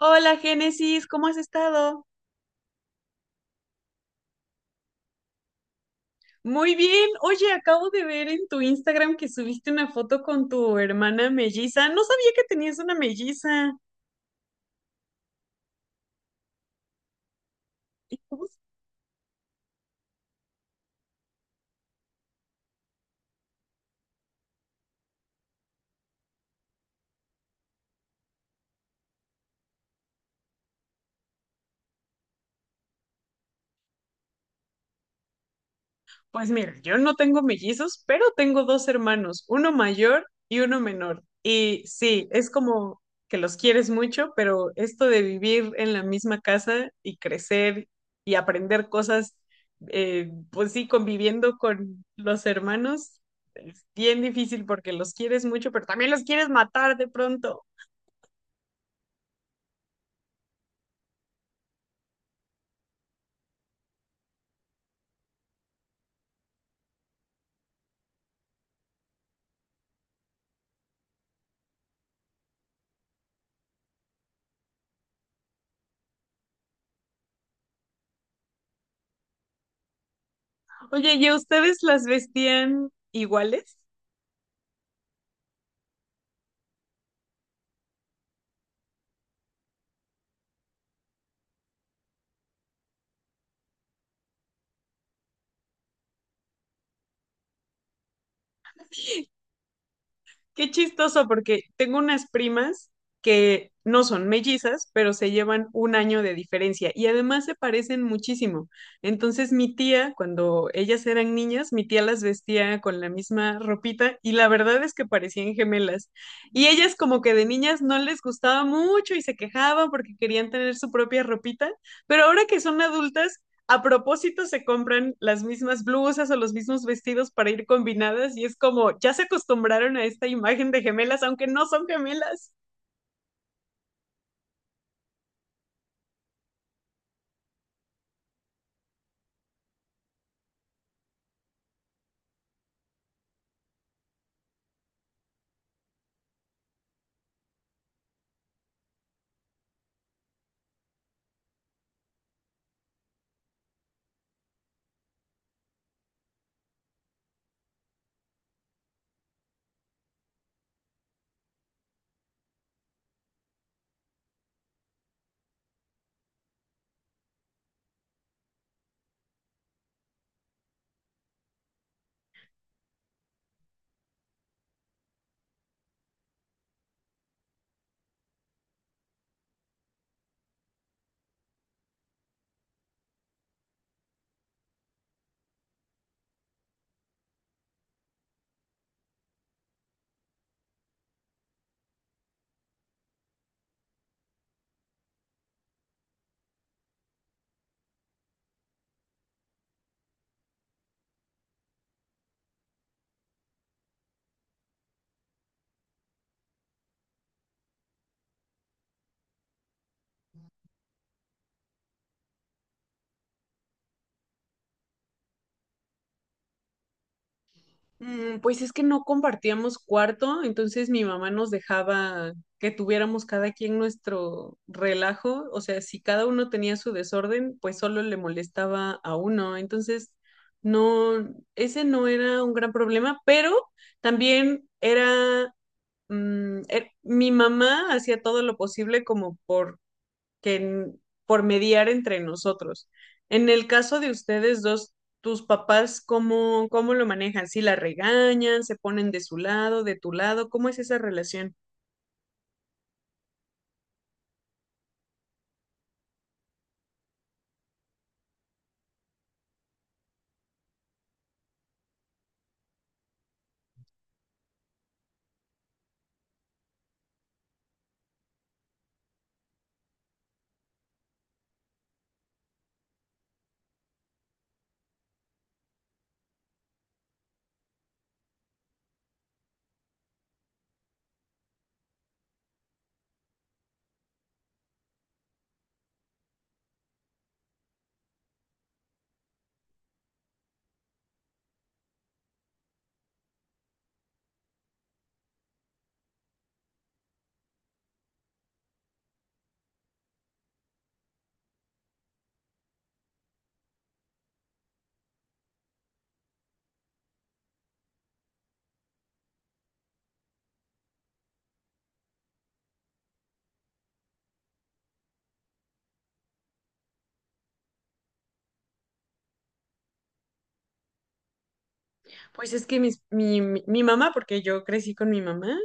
Hola Génesis, ¿cómo has estado? Muy bien. Oye, acabo de ver en tu Instagram que subiste una foto con tu hermana melliza. No sabía que tenías una melliza. Pues mira, yo no tengo mellizos, pero tengo dos hermanos, uno mayor y uno menor. Y sí, es como que los quieres mucho, pero esto de vivir en la misma casa y crecer y aprender cosas, pues sí, conviviendo con los hermanos, es bien difícil porque los quieres mucho, pero también los quieres matar de pronto. Oye, ¿y a ustedes las vestían iguales? Qué chistoso, porque tengo unas primas que no son mellizas, pero se llevan un año de diferencia y además se parecen muchísimo. Entonces mi tía, cuando ellas eran niñas, mi tía las vestía con la misma ropita y la verdad es que parecían gemelas. Y ellas como que de niñas no les gustaba mucho y se quejaban porque querían tener su propia ropita, pero ahora que son adultas, a propósito se compran las mismas blusas o los mismos vestidos para ir combinadas y es como, ya se acostumbraron a esta imagen de gemelas, aunque no son gemelas. Mm, pues es que no compartíamos cuarto, entonces mi mamá nos dejaba que tuviéramos cada quien nuestro relajo, o sea, si cada uno tenía su desorden, pues solo le molestaba a uno, entonces no, ese no era un gran problema, pero también era mi mamá hacía todo lo posible como por que, n- por mediar entre nosotros. En el caso de ustedes dos, tus papás, ¿cómo, cómo lo manejan? ¿Si la regañan, se ponen de su lado, de tu lado? ¿Cómo es esa relación? Pues es que mi mamá, porque yo crecí con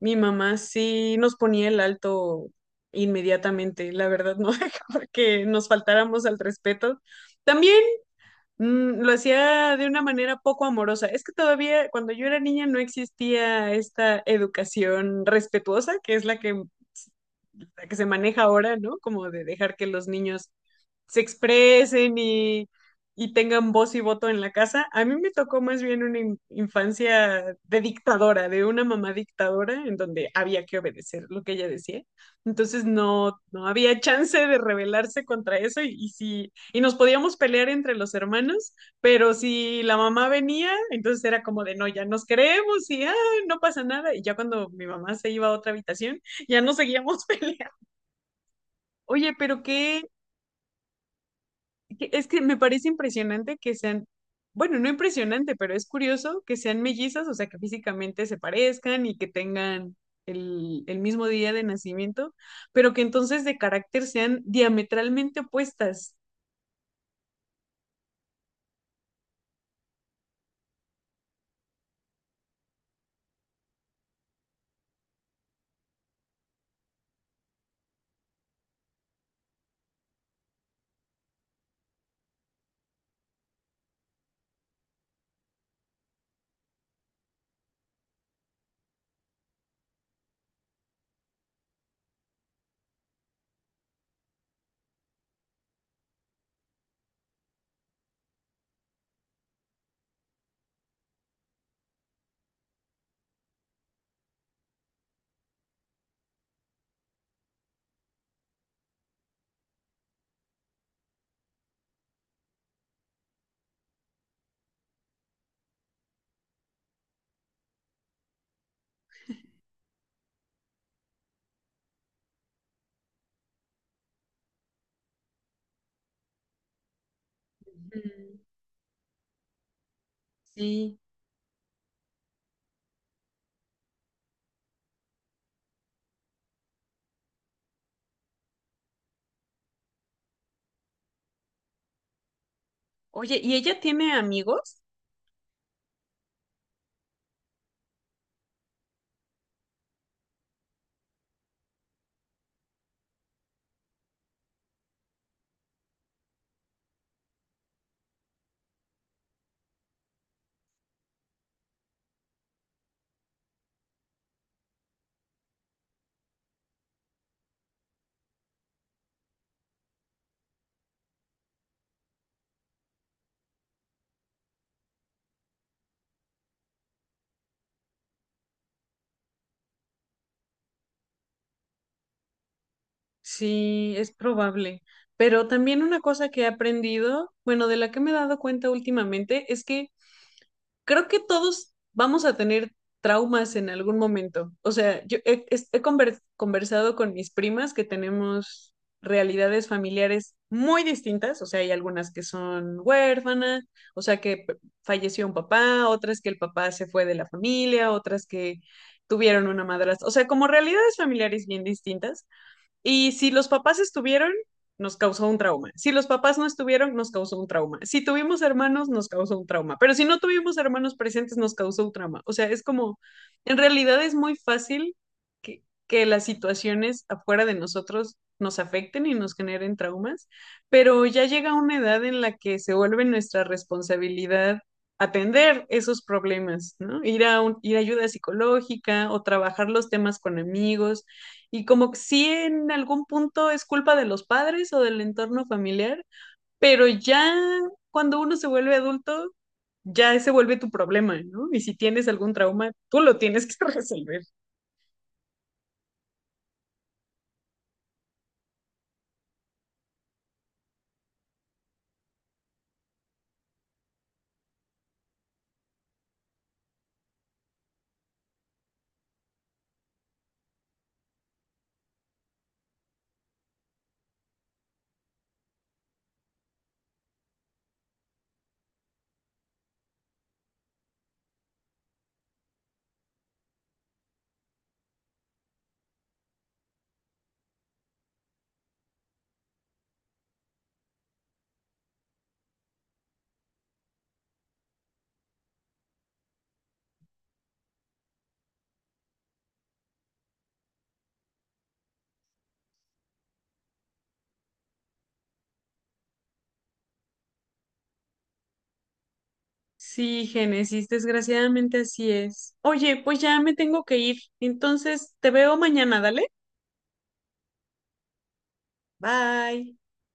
mi mamá sí nos ponía el alto inmediatamente, la verdad no dejaba que nos faltáramos al respeto. También lo hacía de una manera poco amorosa. Es que todavía cuando yo era niña no existía esta educación respetuosa, que es la que se maneja ahora, ¿no? Como de dejar que los niños se expresen y tengan voz y voto en la casa. A mí me tocó más bien una infancia de dictadora, de una mamá dictadora, en donde había que obedecer lo que ella decía. Entonces no, no había chance de rebelarse contra eso y sí, y nos podíamos pelear entre los hermanos, pero si la mamá venía, entonces era como de no, ya nos queremos y ah, no pasa nada. Y ya cuando mi mamá se iba a otra habitación, ya no seguíamos peleando. Oye, Es que me parece impresionante que sean, bueno, no impresionante, pero es curioso que sean mellizas, o sea, que físicamente se parezcan y que tengan el mismo día de nacimiento, pero que entonces de carácter sean diametralmente opuestas. Ujú. Sí. Oye, ¿y ella tiene amigos? Sí, es probable. Pero también una cosa que he aprendido, bueno, de la que me he dado cuenta últimamente, es que creo que todos vamos a tener traumas en algún momento. O sea, yo he, es- he conver- conversado con mis primas que tenemos realidades familiares muy distintas. O sea, hay algunas que son huérfanas, o sea, falleció un papá, otras que el papá se fue de la familia, otras que tuvieron una madrastra. O sea, como realidades familiares bien distintas. Y si los papás estuvieron, nos causó un trauma. Si los papás no estuvieron, nos causó un trauma. Si tuvimos hermanos, nos causó un trauma. Pero si no tuvimos hermanos presentes, nos causó un trauma. O sea, es como, en realidad es muy fácil que las situaciones afuera de nosotros nos afecten y nos generen traumas, pero ya llega una edad en la que se vuelve nuestra responsabilidad atender esos problemas, ¿no? Ir a ayuda psicológica o trabajar los temas con amigos y como que sí en algún punto es culpa de los padres o del entorno familiar, pero ya cuando uno se vuelve adulto, ya se vuelve tu problema, ¿no? Y si tienes algún trauma, tú lo tienes que resolver. Sí, Génesis, desgraciadamente así es. Oye, pues ya me tengo que ir, entonces te veo mañana, dale. Bye.